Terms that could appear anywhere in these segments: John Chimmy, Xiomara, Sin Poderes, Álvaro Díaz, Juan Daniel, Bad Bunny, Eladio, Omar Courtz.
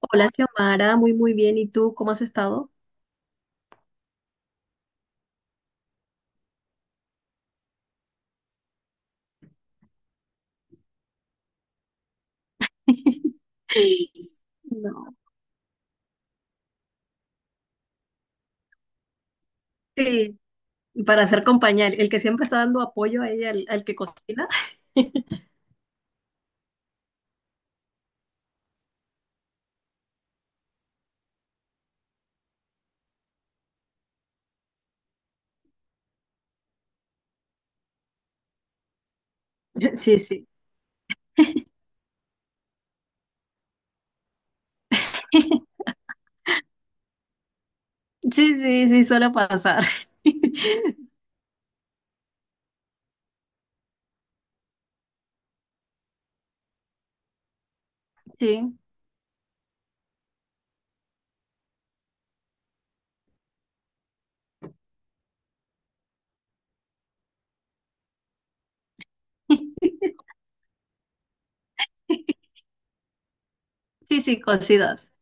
Hola, Xiomara, muy muy bien. ¿Y tú cómo has estado? No. Sí, para hacer compañía, el que siempre está dando apoyo a ella, al que cocina. Sí, sí. Sí, sí, sí, suele pasar. Sí, sí, sí, cocidas.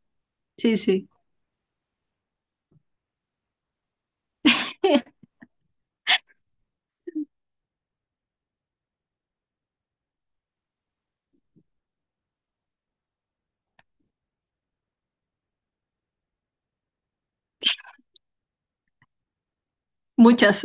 Sí, sí. Muchas.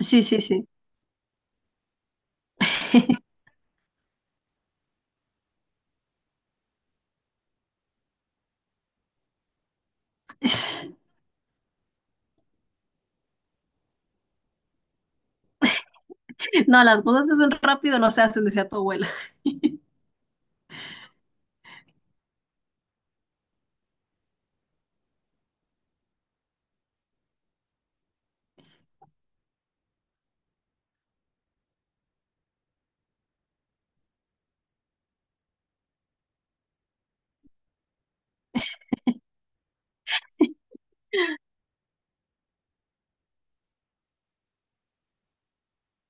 Sí, sí, sí. No, las cosas se hacen rápido, no se hacen, decía tu abuela.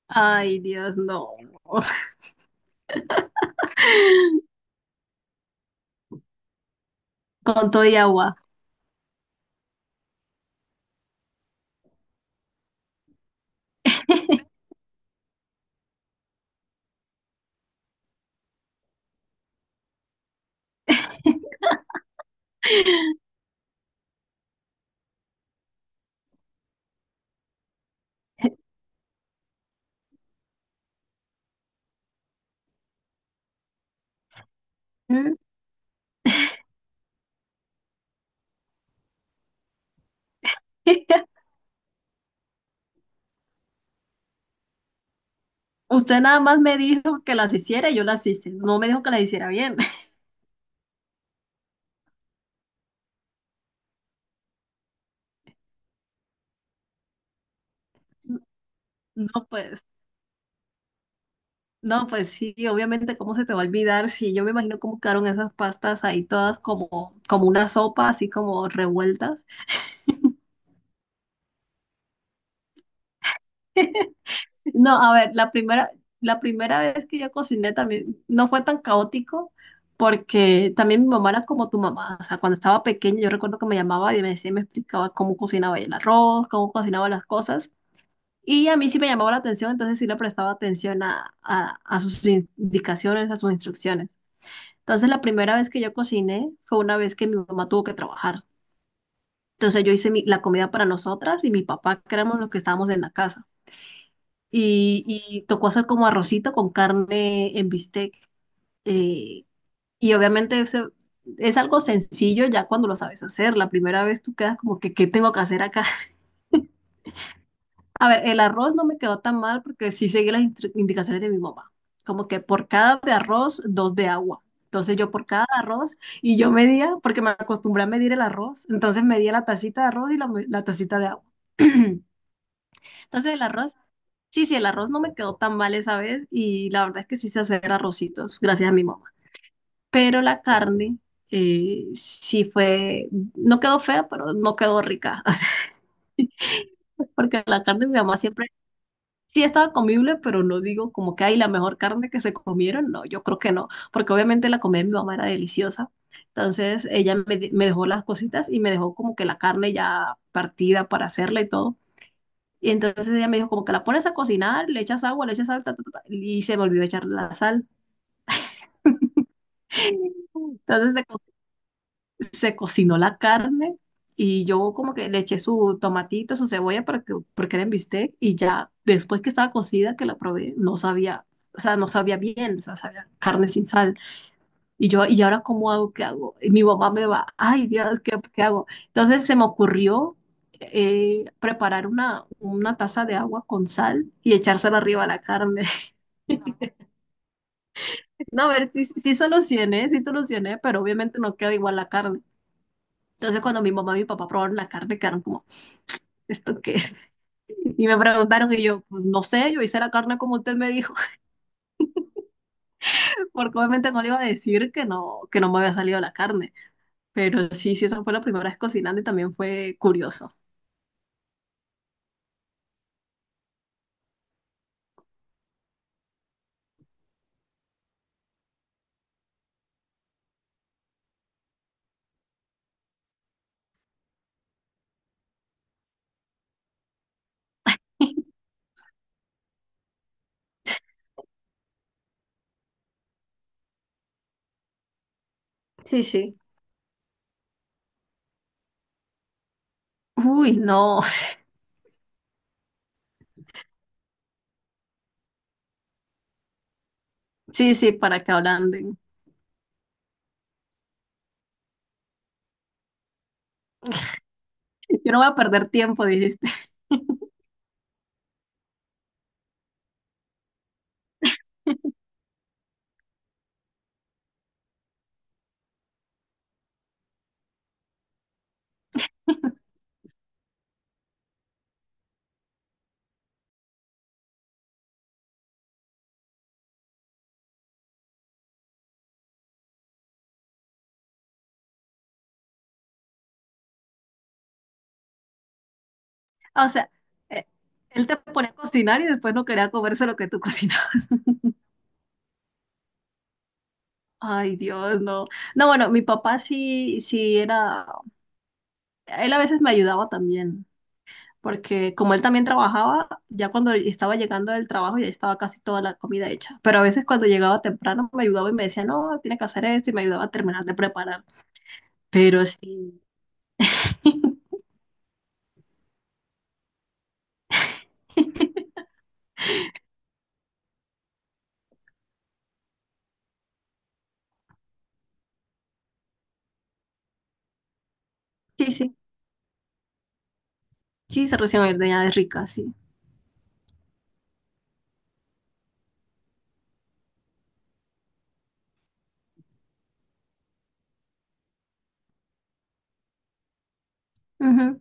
Ay, Dios, no. Con todo y agua. Mm. Usted nada más me dijo que las hiciera y yo las hice. No me dijo que las hiciera bien. No, pues, no, pues sí, obviamente, ¿cómo se te va a olvidar? Sí, yo me imagino cómo quedaron esas pastas ahí todas como, como una sopa, así como revueltas. No, a ver, la primera vez que yo cociné también no fue tan caótico porque también mi mamá era como tu mamá. O sea, cuando estaba pequeña yo recuerdo que me llamaba y me decía, y me explicaba cómo cocinaba el arroz, cómo cocinaba las cosas. Y a mí sí me llamaba la atención, entonces sí le prestaba atención a sus indicaciones, a sus instrucciones. Entonces, la primera vez que yo cociné fue una vez que mi mamá tuvo que trabajar. Entonces, yo hice la comida para nosotras y mi papá, que éramos los que estábamos en la casa. Y tocó hacer como arrocito con carne en bistec. eh, y obviamente eso es algo sencillo ya cuando lo sabes hacer. La primera vez tú quedas como que, ¿qué tengo que hacer acá? A ver, el arroz no me quedó tan mal porque sí seguí las indicaciones de mi mamá. Como que por cada de arroz, dos de agua. Entonces yo por cada arroz, y yo medía, porque me acostumbré a medir el arroz, entonces medía la tacita de arroz y la tacita de agua. Entonces el arroz, sí, sí, el arroz no me quedó tan mal esa vez y la verdad es que sí sé hacer arrocitos, gracias a mi mamá. Pero la carne, sí fue, no quedó fea, pero no quedó rica. Porque la carne de mi mamá siempre sí estaba comible, pero no digo como que hay la mejor carne que se comieron, no, yo creo que no, porque obviamente la comida de mi mamá era deliciosa. Entonces ella me, me dejó las cositas y me dejó como que la carne ya partida para hacerla y todo. Y entonces ella me dijo como que la pones a cocinar, le echas agua, le echas sal, ta, ta, ta, ta, y se me olvidó echar la sal. Entonces se cocinó la carne y yo como que le eché su tomatito, su cebolla para que, porque era en bistec y ya después que estaba cocida que la probé, no sabía, o sea, no sabía bien, o sea, sabía carne sin sal. Y yo, ¿y ahora cómo hago? ¿Qué hago? Y mi mamá me va, ay Dios, ¿qué, qué hago? Entonces se me ocurrió, preparar una taza de agua con sal y echársela arriba a la carne. No, a ver, sí, sí sí solucioné, pero obviamente no queda igual la carne. Entonces, cuando mi mamá y mi papá probaron la carne, quedaron como, ¿esto qué es? Y me preguntaron y yo, pues no sé, yo hice la carne como usted me dijo, porque obviamente no le iba a decir que no me había salido la carne. Pero sí, sí, esa fue la primera vez cocinando y también fue curioso. Sí, sí. Uy, no. Sí, sí, para que ablanden. Yo no voy a perder tiempo, dijiste. O sea, eh, él te ponía a cocinar y después no quería comerse lo que tú cocinabas. Ay, Dios, no. No, bueno, mi papá sí, sí era, él a veces me ayudaba también, porque como él también trabajaba, ya cuando estaba llegando del trabajo ya estaba casi toda la comida hecha. Pero a veces cuando llegaba temprano me ayudaba y me decía, no, tiene que hacer esto, y me ayudaba a terminar de preparar. Pero sí, sí, sí, sí, se recién ordeñada es rica, sí. Ujú.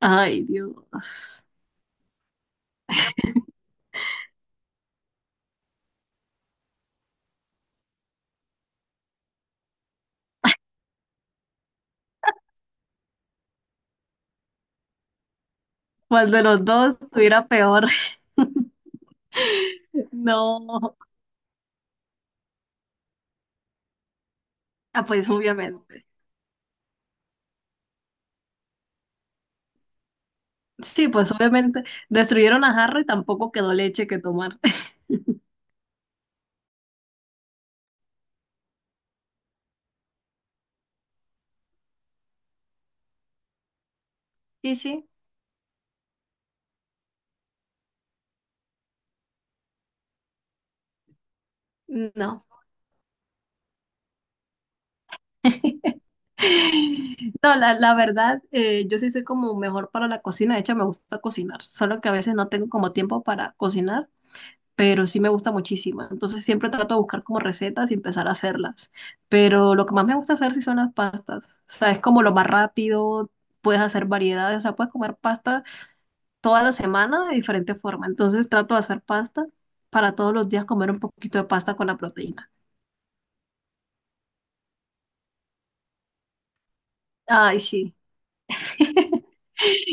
Ay, Dios. ¿Cuál de los dos estuviera peor? No, ah, pues obviamente. Sí, pues obviamente destruyeron a Harry, tampoco quedó leche que tomar. Sí, sí, no. No, la verdad, yo sí soy como mejor para la cocina, de hecho me gusta cocinar, solo que a veces no tengo como tiempo para cocinar, pero sí me gusta muchísimo, entonces siempre trato de buscar como recetas y empezar a hacerlas, pero lo que más me gusta hacer sí son las pastas, o sea, es como lo más rápido, puedes hacer variedades, o sea, puedes comer pasta toda la semana de diferente forma, entonces trato de hacer pasta para todos los días comer un poquito de pasta con la proteína. Ay, sí.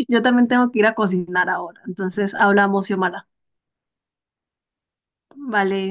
Yo también tengo que ir a cocinar ahora. Entonces hablamos, Xiomara. Vale.